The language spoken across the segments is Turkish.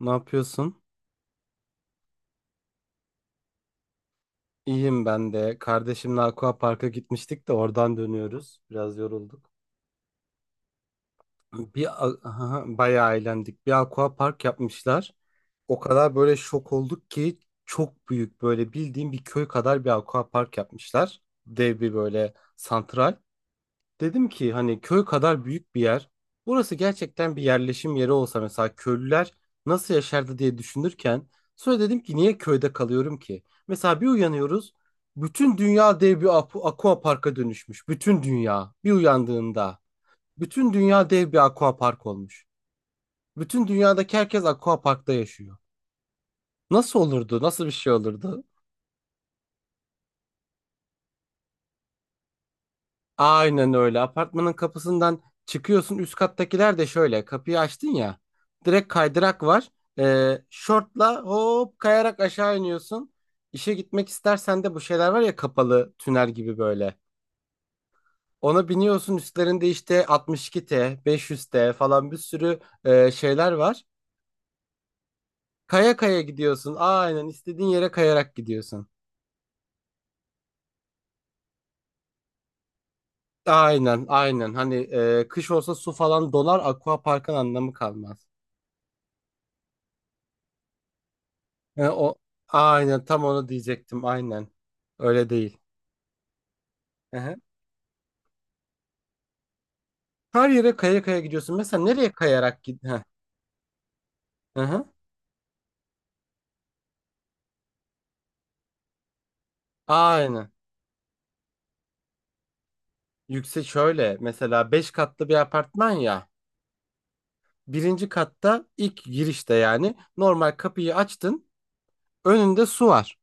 Ne yapıyorsun? İyiyim ben de. Kardeşimle Aqua Park'a gitmiştik de oradan dönüyoruz. Biraz yorulduk. Aha, bayağı eğlendik. Bir Aqua Park yapmışlar. O kadar böyle şok olduk ki çok büyük böyle bildiğim bir köy kadar bir Aqua Park yapmışlar. Dev bir böyle santral. Dedim ki hani köy kadar büyük bir yer. Burası gerçekten bir yerleşim yeri olsa mesela köylüler nasıl yaşardı diye düşünürken sonra dedim ki niye köyde kalıyorum ki? Mesela bir uyanıyoruz, bütün dünya dev bir aqua parka dönüşmüş. Bütün dünya bir uyandığında bütün dünya dev bir aqua park olmuş. Bütün dünyadaki herkes aqua parkta yaşıyor. Nasıl olurdu? Nasıl bir şey olurdu? Aynen öyle. Apartmanın kapısından çıkıyorsun. Üst kattakiler de şöyle. Kapıyı açtın ya. Direkt kaydırak var. Şortla hop kayarak aşağı iniyorsun. İşe gitmek istersen de bu şeyler var ya, kapalı tünel gibi böyle. Ona biniyorsun, üstlerinde işte 62T, 500T falan bir sürü şeyler var. Kaya kaya gidiyorsun. Aynen, istediğin yere kayarak gidiyorsun. Aynen aynen. Hani kış olsa su falan donar. Aqua parkın anlamı kalmaz. O aynen, tam onu diyecektim, aynen. Öyle değil. Hı-hı. Her yere kaya kaya gidiyorsun. Mesela nereye kayarak gid? Hı. Hı-hı. Aynen. Yüksek şöyle mesela 5 katlı bir apartman ya. Birinci katta ilk girişte, yani normal kapıyı açtın. Önünde su var.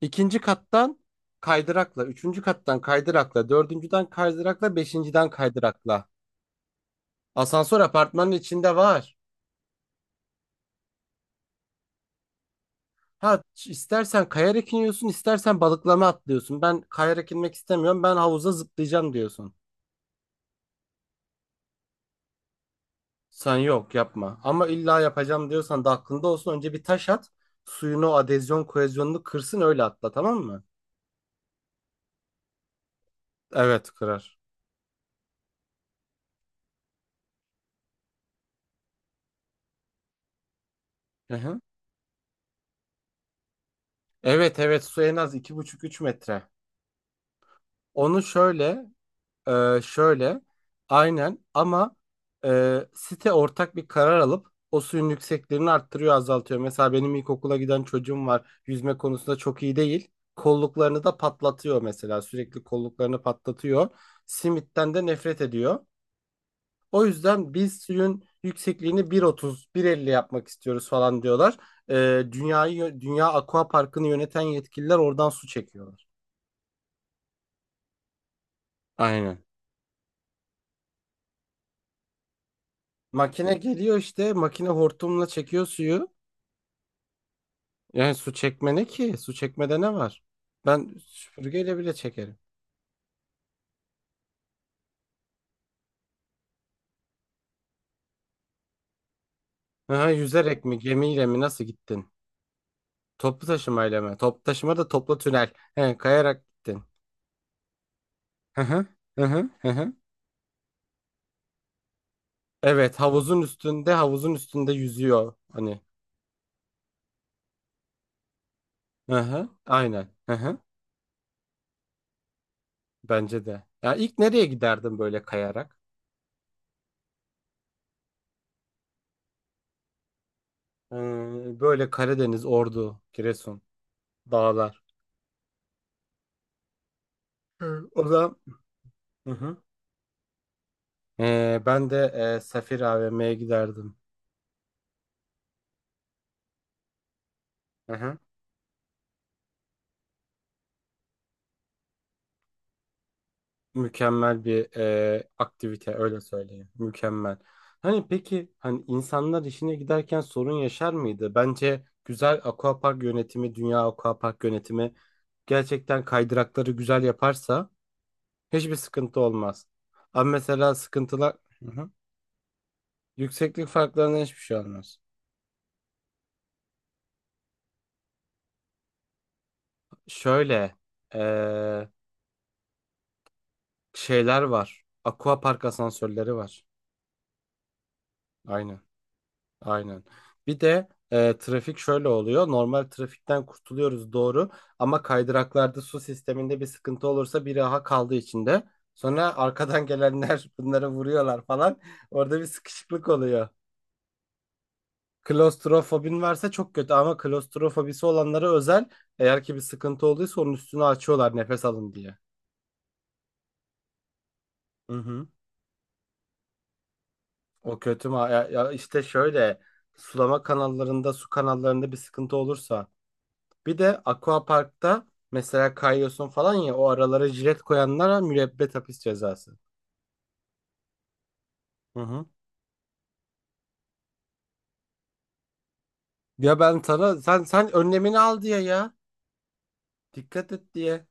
İkinci kattan kaydırakla, üçüncü kattan kaydırakla, dördüncüden kaydırakla, beşinciden kaydırakla. Asansör apartmanın içinde var. Ha, istersen kayarak iniyorsun, istersen balıklama atlıyorsun. Ben kayarak inmek istemiyorum. Ben havuza zıplayacağım diyorsun. Sen yok yapma. Ama illa yapacağım diyorsan da aklında olsun. Önce bir taş at. Suyun o adezyon kohezyonunu kırsın, öyle atla, tamam mı? Evet, kırar. Hı hı. Evet evet, su en az iki buçuk üç metre. Onu şöyle. Şöyle, aynen ama site ortak bir karar alıp o suyun yükseklerini arttırıyor, azaltıyor. Mesela benim ilkokula giden çocuğum var. Yüzme konusunda çok iyi değil. Kolluklarını da patlatıyor mesela. Sürekli kolluklarını patlatıyor. Simitten de nefret ediyor. O yüzden biz suyun yüksekliğini 1.30, 1.50 yapmak istiyoruz falan diyorlar. Dünyayı, Dünya Aqua Parkı'nı yöneten yetkililer oradan su çekiyorlar. Aynen. Makine geliyor işte, makine hortumla çekiyor suyu. Yani su çekme ne ki? Su çekmede ne var? Ben süpürgeyle bile çekerim. Aha, yüzerek mi, gemiyle mi, nasıl gittin? Toplu taşımayla mı? Toplu taşıma da toplu tünel. He, kayarak gittin. Hı hı. Hı hı. Hı hı. Evet, havuzun üstünde, havuzun üstünde yüzüyor hani. Hı hı. Aynen. Hı hı. Bence de. Ya, ilk nereye giderdim böyle kayarak? Ee, Böyle Karadeniz, Ordu, Giresun, dağlar. Hı. O zaman. Hı hı. Ben de Safir AVM'ye giderdim. Hı hı. Mükemmel bir aktivite, öyle söyleyeyim. Mükemmel. Hani, peki, hani insanlar işine giderken sorun yaşar mıydı? Bence güzel aquapark yönetimi, dünya aquapark yönetimi gerçekten kaydırakları güzel yaparsa hiçbir sıkıntı olmaz. Ama mesela sıkıntılar, hı hı, yükseklik farklarına hiçbir şey olmaz. Şöyle e, şeyler var. Aquapark asansörleri var. Aynen. Aynen. Bir de trafik şöyle oluyor. Normal trafikten kurtuluyoruz, doğru, ama kaydıraklarda su sisteminde bir sıkıntı olursa biri aha kaldı içinde. Sonra arkadan gelenler bunları vuruyorlar falan. Orada bir sıkışıklık oluyor. Klostrofobin varsa çok kötü, ama klostrofobisi olanlara özel, eğer ki bir sıkıntı olduysa onun üstünü açıyorlar, nefes alın diye. Hı hı. O kötü mü? Ya, ya işte şöyle, sulama kanallarında, su kanallarında bir sıkıntı olursa. Bir de Aquapark'ta mesela kayıyorsun falan ya, o aralara jilet koyanlara müebbet hapis cezası. Hı hı. Ya ben sana sen önlemini al diye ya. Dikkat et diye.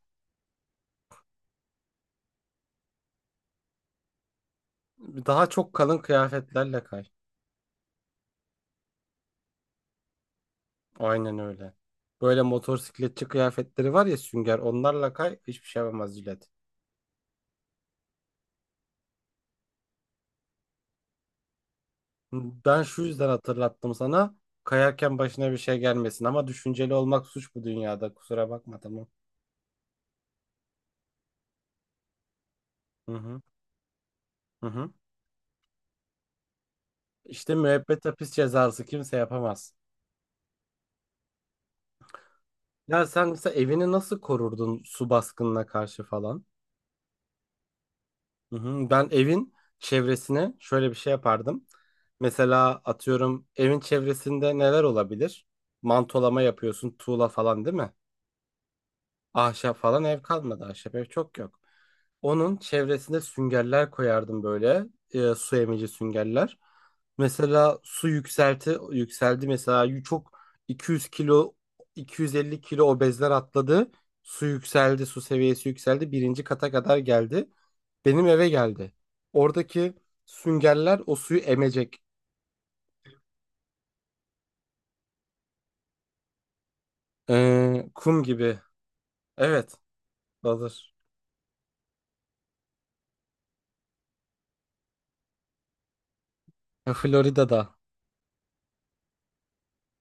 Daha çok kalın kıyafetlerle kay. Aynen öyle. Böyle motosikletçi kıyafetleri var ya sünger, onlarla kay, hiçbir şey yapamaz jilet. Ben şu yüzden hatırlattım sana. Kayarken başına bir şey gelmesin ama, düşünceli olmak suç bu dünyada, kusura bakma, tamam. Hı hı. Hı hı. İşte müebbet hapis cezası, kimse yapamaz. Ya sen mesela evini nasıl korurdun su baskınına karşı falan? Hı hı. Ben evin çevresine şöyle bir şey yapardım. Mesela atıyorum, evin çevresinde neler olabilir? Mantolama yapıyorsun, tuğla falan, değil mi? Ahşap falan ev kalmadı. Ahşap ev çok yok. Onun çevresine süngerler koyardım böyle. Su emici süngerler. Mesela su yükselti yükseldi, mesela çok 200 kilo, 250 kilo obezler atladı. Su yükseldi, su seviyesi yükseldi. Birinci kata kadar geldi. Benim eve geldi. Oradaki süngerler o suyu emecek. Kum gibi. Evet, hazır. Florida'da.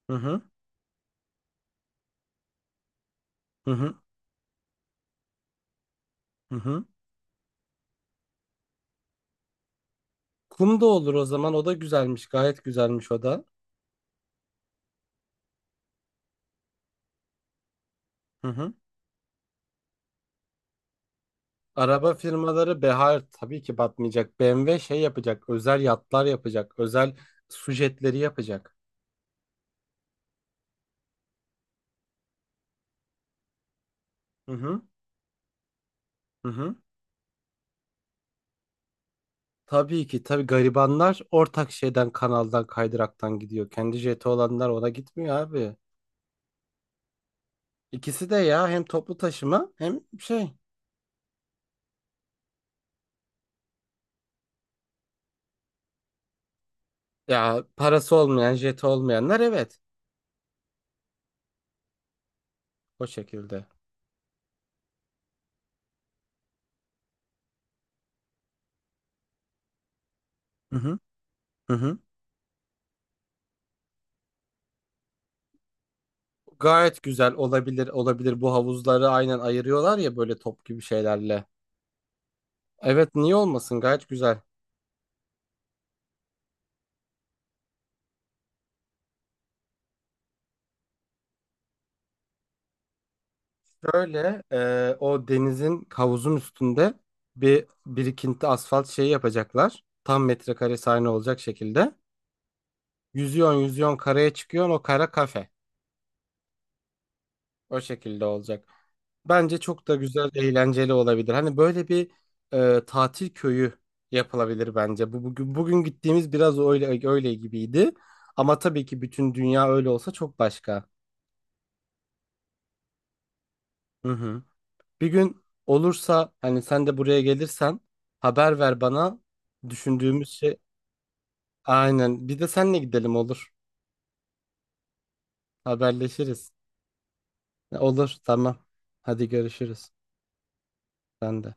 Hı hı. Hı hı. Hı hı. Kum da olur o zaman. O da güzelmiş. Gayet güzelmiş o da. Hı hı. Araba firmaları, Behar, tabii ki batmayacak. BMW şey yapacak. Özel yatlar yapacak. Özel su jetleri yapacak. Hı hı. Hı hı. Tabii ki tabii, garibanlar ortak şeyden, kanaldan, kaydıraktan gidiyor. Kendi jeti olanlar ona gitmiyor abi. İkisi de ya, hem toplu taşıma hem şey. Ya parası olmayan, jeti olmayanlar evet. O şekilde. Hı hı. Hı hı. Gayet güzel olabilir, olabilir, bu havuzları aynen ayırıyorlar ya böyle top gibi şeylerle. Evet, niye olmasın, gayet güzel. Şöyle o denizin, havuzun üstünde bir birikinti asfalt şeyi yapacaklar. Tam metrekare sahne olacak şekilde. Yüzüyorsun yüzüyorsun, karaya çıkıyorsun, o kara kafe. O şekilde olacak. Bence çok da güzel, eğlenceli olabilir. Hani böyle bir tatil köyü yapılabilir bence. Bu bugün gittiğimiz biraz öyle öyle gibiydi. Ama tabii ki bütün dünya öyle olsa çok başka. Hı hı. Bir gün olursa, hani sen de buraya gelirsen, haber ver bana. Düşündüğümüz şey aynen. Bir de senle gidelim, olur. Haberleşiriz. Olur, tamam. Hadi görüşürüz. Ben de.